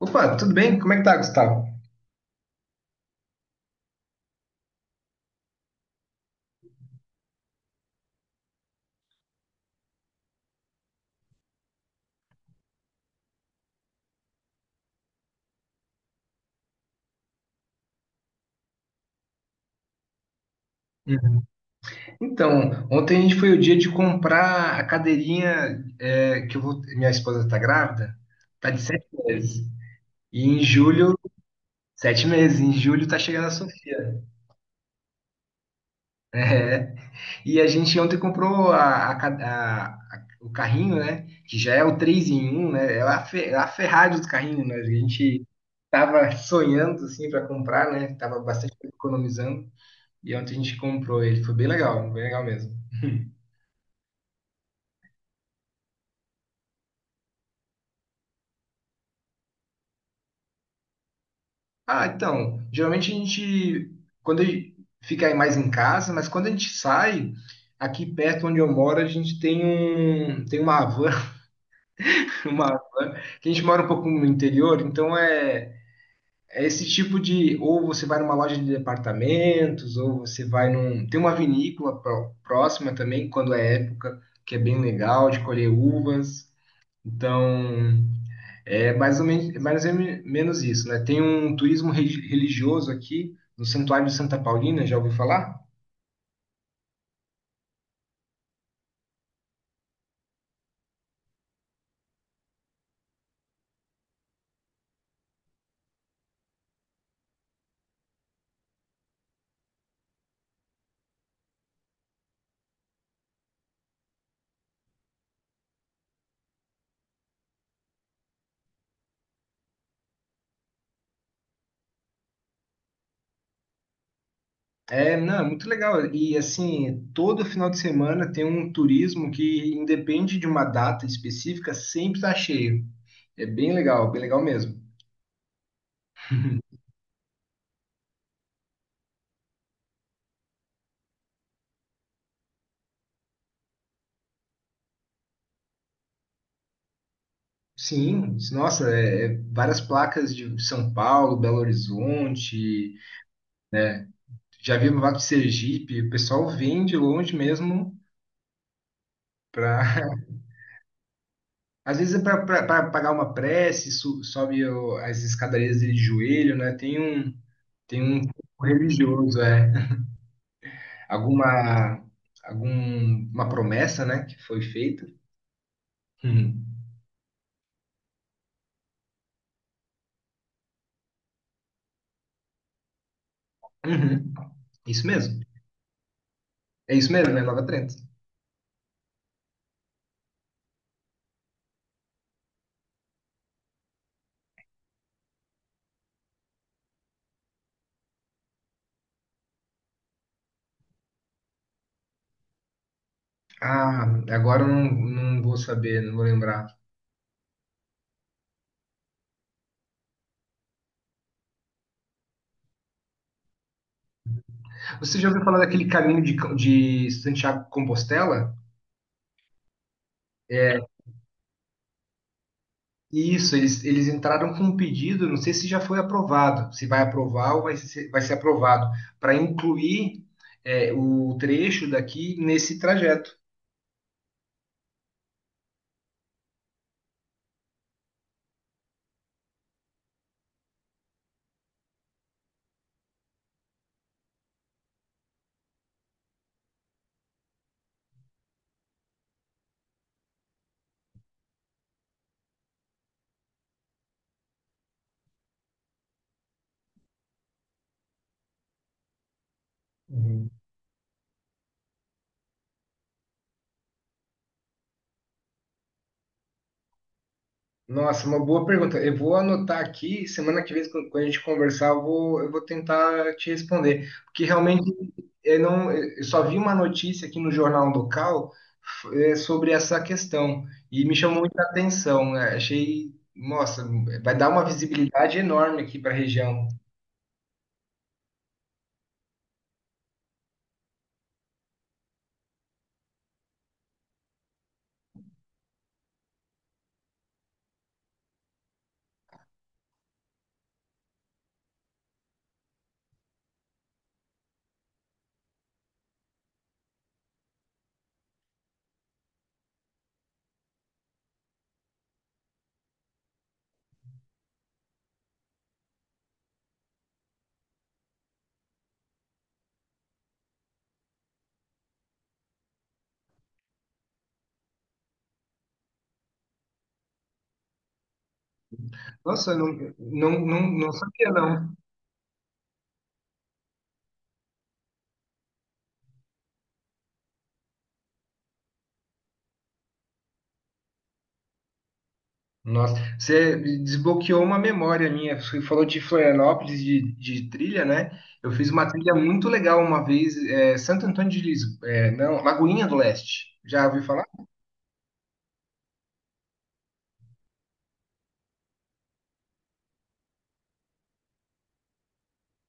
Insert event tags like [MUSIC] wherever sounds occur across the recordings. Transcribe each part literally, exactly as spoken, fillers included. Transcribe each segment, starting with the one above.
Opa, tudo bem? Como é que tá, Gustavo? Hum. Então, ontem a gente foi o dia de comprar a cadeirinha é, que eu vou. Minha esposa tá grávida, tá de sete meses. E em julho, sete meses, em julho tá chegando a Sofia. Né? E a gente ontem comprou a- a ca- a- a- o carrinho, né? Que já é o três em um, né? É a, Fe- é a Ferrari dos carrinhos, né? A gente tava sonhando, assim, para comprar, né? Tava bastante economizando. E ontem a gente comprou ele. Foi bem legal, bem legal mesmo. Ah, então, geralmente a gente, quando a gente fica aí mais em casa, mas quando a gente sai, aqui perto onde eu moro, a gente tem um, tem uma van, [LAUGHS] uma van, que a gente mora um pouco no interior, então é, é esse tipo de, ou você vai numa loja de departamentos, ou você vai num, tem uma vinícola pró- próxima também, quando é época, que é bem legal de colher uvas, então. É mais ou, men mais ou menos isso, né? Tem um turismo re- religioso aqui no Santuário de Santa Paulina, já ouviu falar? É, não, é muito legal. E assim, todo final de semana tem um turismo que independe de uma data específica, sempre está cheio. É bem legal, bem legal mesmo. Sim, nossa, é- é várias placas de São Paulo, Belo Horizonte, né? Já vi no Vale de Sergipe, o pessoal vem de longe mesmo para. Às vezes, é para pagar uma prece, su- sobe o- as escadarias de joelho, né? Tem um, tem um pouco religioso, é. Alguma, alguma promessa, né, que foi feita. Uhum. Uhum. Isso mesmo. É isso mesmo, né? Nova Trento. Ah, agora eu não, não vou saber, não vou lembrar. Você já ouviu falar daquele caminho de, de Santiago de Compostela? É, isso, eles, eles entraram com um pedido, não sei se já foi aprovado, se vai aprovar ou vai ser, vai ser aprovado, para incluir é, o trecho daqui nesse trajeto. Uhum. Nossa, uma boa pergunta. Eu vou anotar aqui, semana que vem, quando quando a gente conversar, eu vou, eu vou tentar te responder. Porque realmente eu não, eu só vi uma notícia aqui no jornal local f- é, sobre essa questão e me chamou muita atenção, né? Achei, nossa, vai dar uma visibilidade enorme aqui para a região. Nossa, não, não, não, não sabia, não. Nossa, você desbloqueou uma memória minha. Você falou de Florianópolis, de, de trilha, né? Eu fiz uma trilha muito legal uma vez, é, Santo Antônio de Lisboa, é, não, Lagoinha do Leste. Já ouviu falar?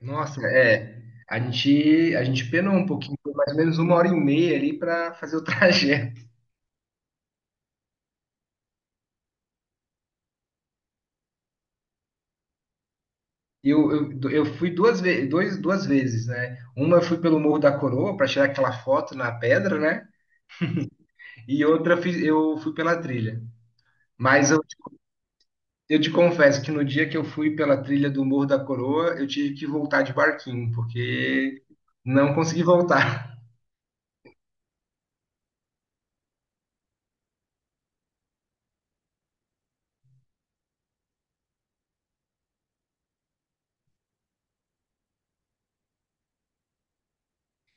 Nossa, é. A gente, a gente penou um pouquinho, foi mais ou menos uma hora e meia ali para fazer o [LAUGHS] trajeto. Eu, eu, eu fui duas, ve dois, duas vezes, né? Uma eu fui pelo Morro da Coroa para tirar aquela foto na pedra, né? E outra eu fiz- eu fui pela trilha. Mas eu, eu te confesso que no dia que eu fui pela trilha do Morro da Coroa, eu tive que voltar de barquinho, porque não consegui voltar. [LAUGHS]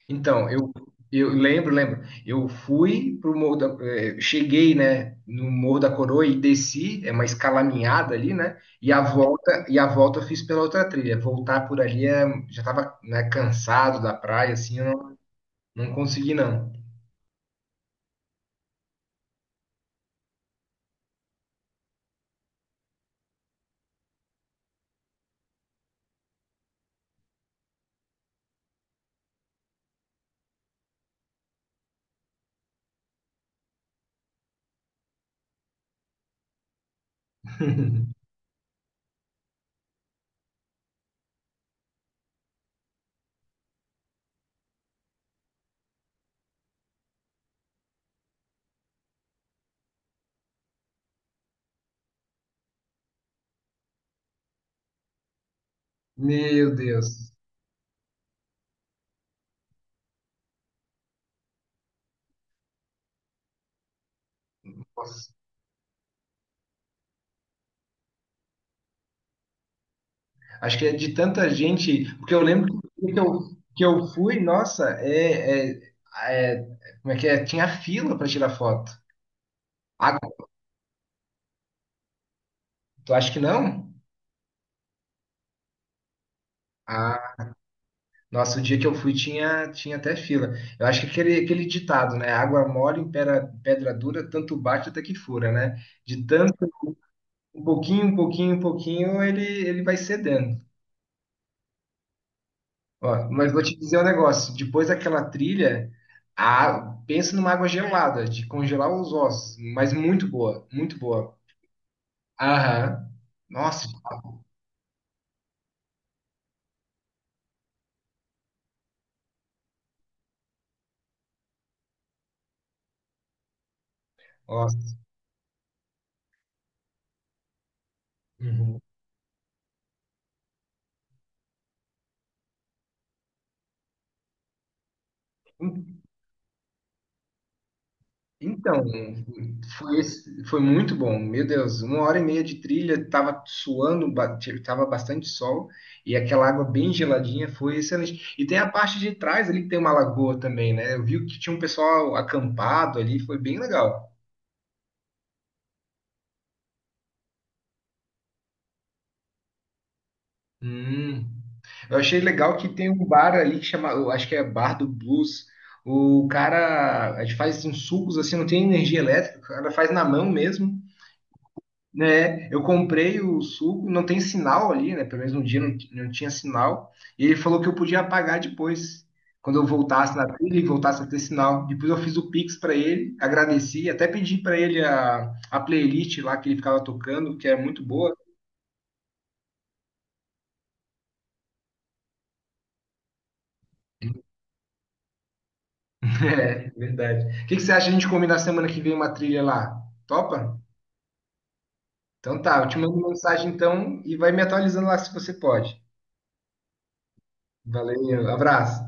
Então, eu, eu lembro, lembro. Eu fui pro Morro da, eh, cheguei, né, no Morro da Coroa e desci, é uma escalaminhada ali, né? E a volta, e a volta eu fiz pela outra trilha. Voltar por ali é, já estava, né, cansado da praia, assim, eu não, não consegui não. [LAUGHS] Meu Deus. Acho que é de tanta gente, porque eu lembro que eu, que eu fui, nossa, é, é- é- como é que é? Tinha fila para tirar foto. Ah, tu acha que não? Ah, nossa, o dia que eu fui tinha, tinha até fila. Eu acho que aquele, aquele ditado, né? Água mole em pedra, pedra dura, tanto bate até que fura, né? De tanto, um pouquinho, um pouquinho, um pouquinho, ele, ele vai cedendo. Ó, mas vou te dizer um negócio. Depois daquela trilha, a... pensa numa água gelada, de congelar os ossos. Mas muito boa, muito boa. Aham. Nossa, nossa. Uhum. En- Então, foi, esse- foi muito bom. Meu Deus, uma hora e meia de trilha, tava suando, ba- tinha- tava bastante sol, e aquela água bem geladinha foi excelente. E tem a parte de trás ali que tem uma lagoa também, né? Eu vi que tinha um pessoal acampado ali, foi bem legal. Hum. Eu achei legal que tem um bar ali que chama, eu acho que é Bar do Blues. O cara a gente faz uns sucos assim, não tem energia elétrica, o cara faz na mão mesmo, né? Eu comprei o suco, não tem sinal ali, né? Pelo menos um dia não, t- não tinha sinal. E ele falou que eu podia apagar depois, quando eu voltasse na trilha e voltasse a ter sinal. Depois eu fiz o Pix para ele, agradeci, até pedi para ele a, a playlist lá que ele ficava tocando, que é muito boa. [LAUGHS] É, verdade. O que que você acha de a gente combinar semana que vem uma trilha lá? Topa? Então tá, eu te mando mensagem então e vai me atualizando lá se você pode. Valeu, abraço.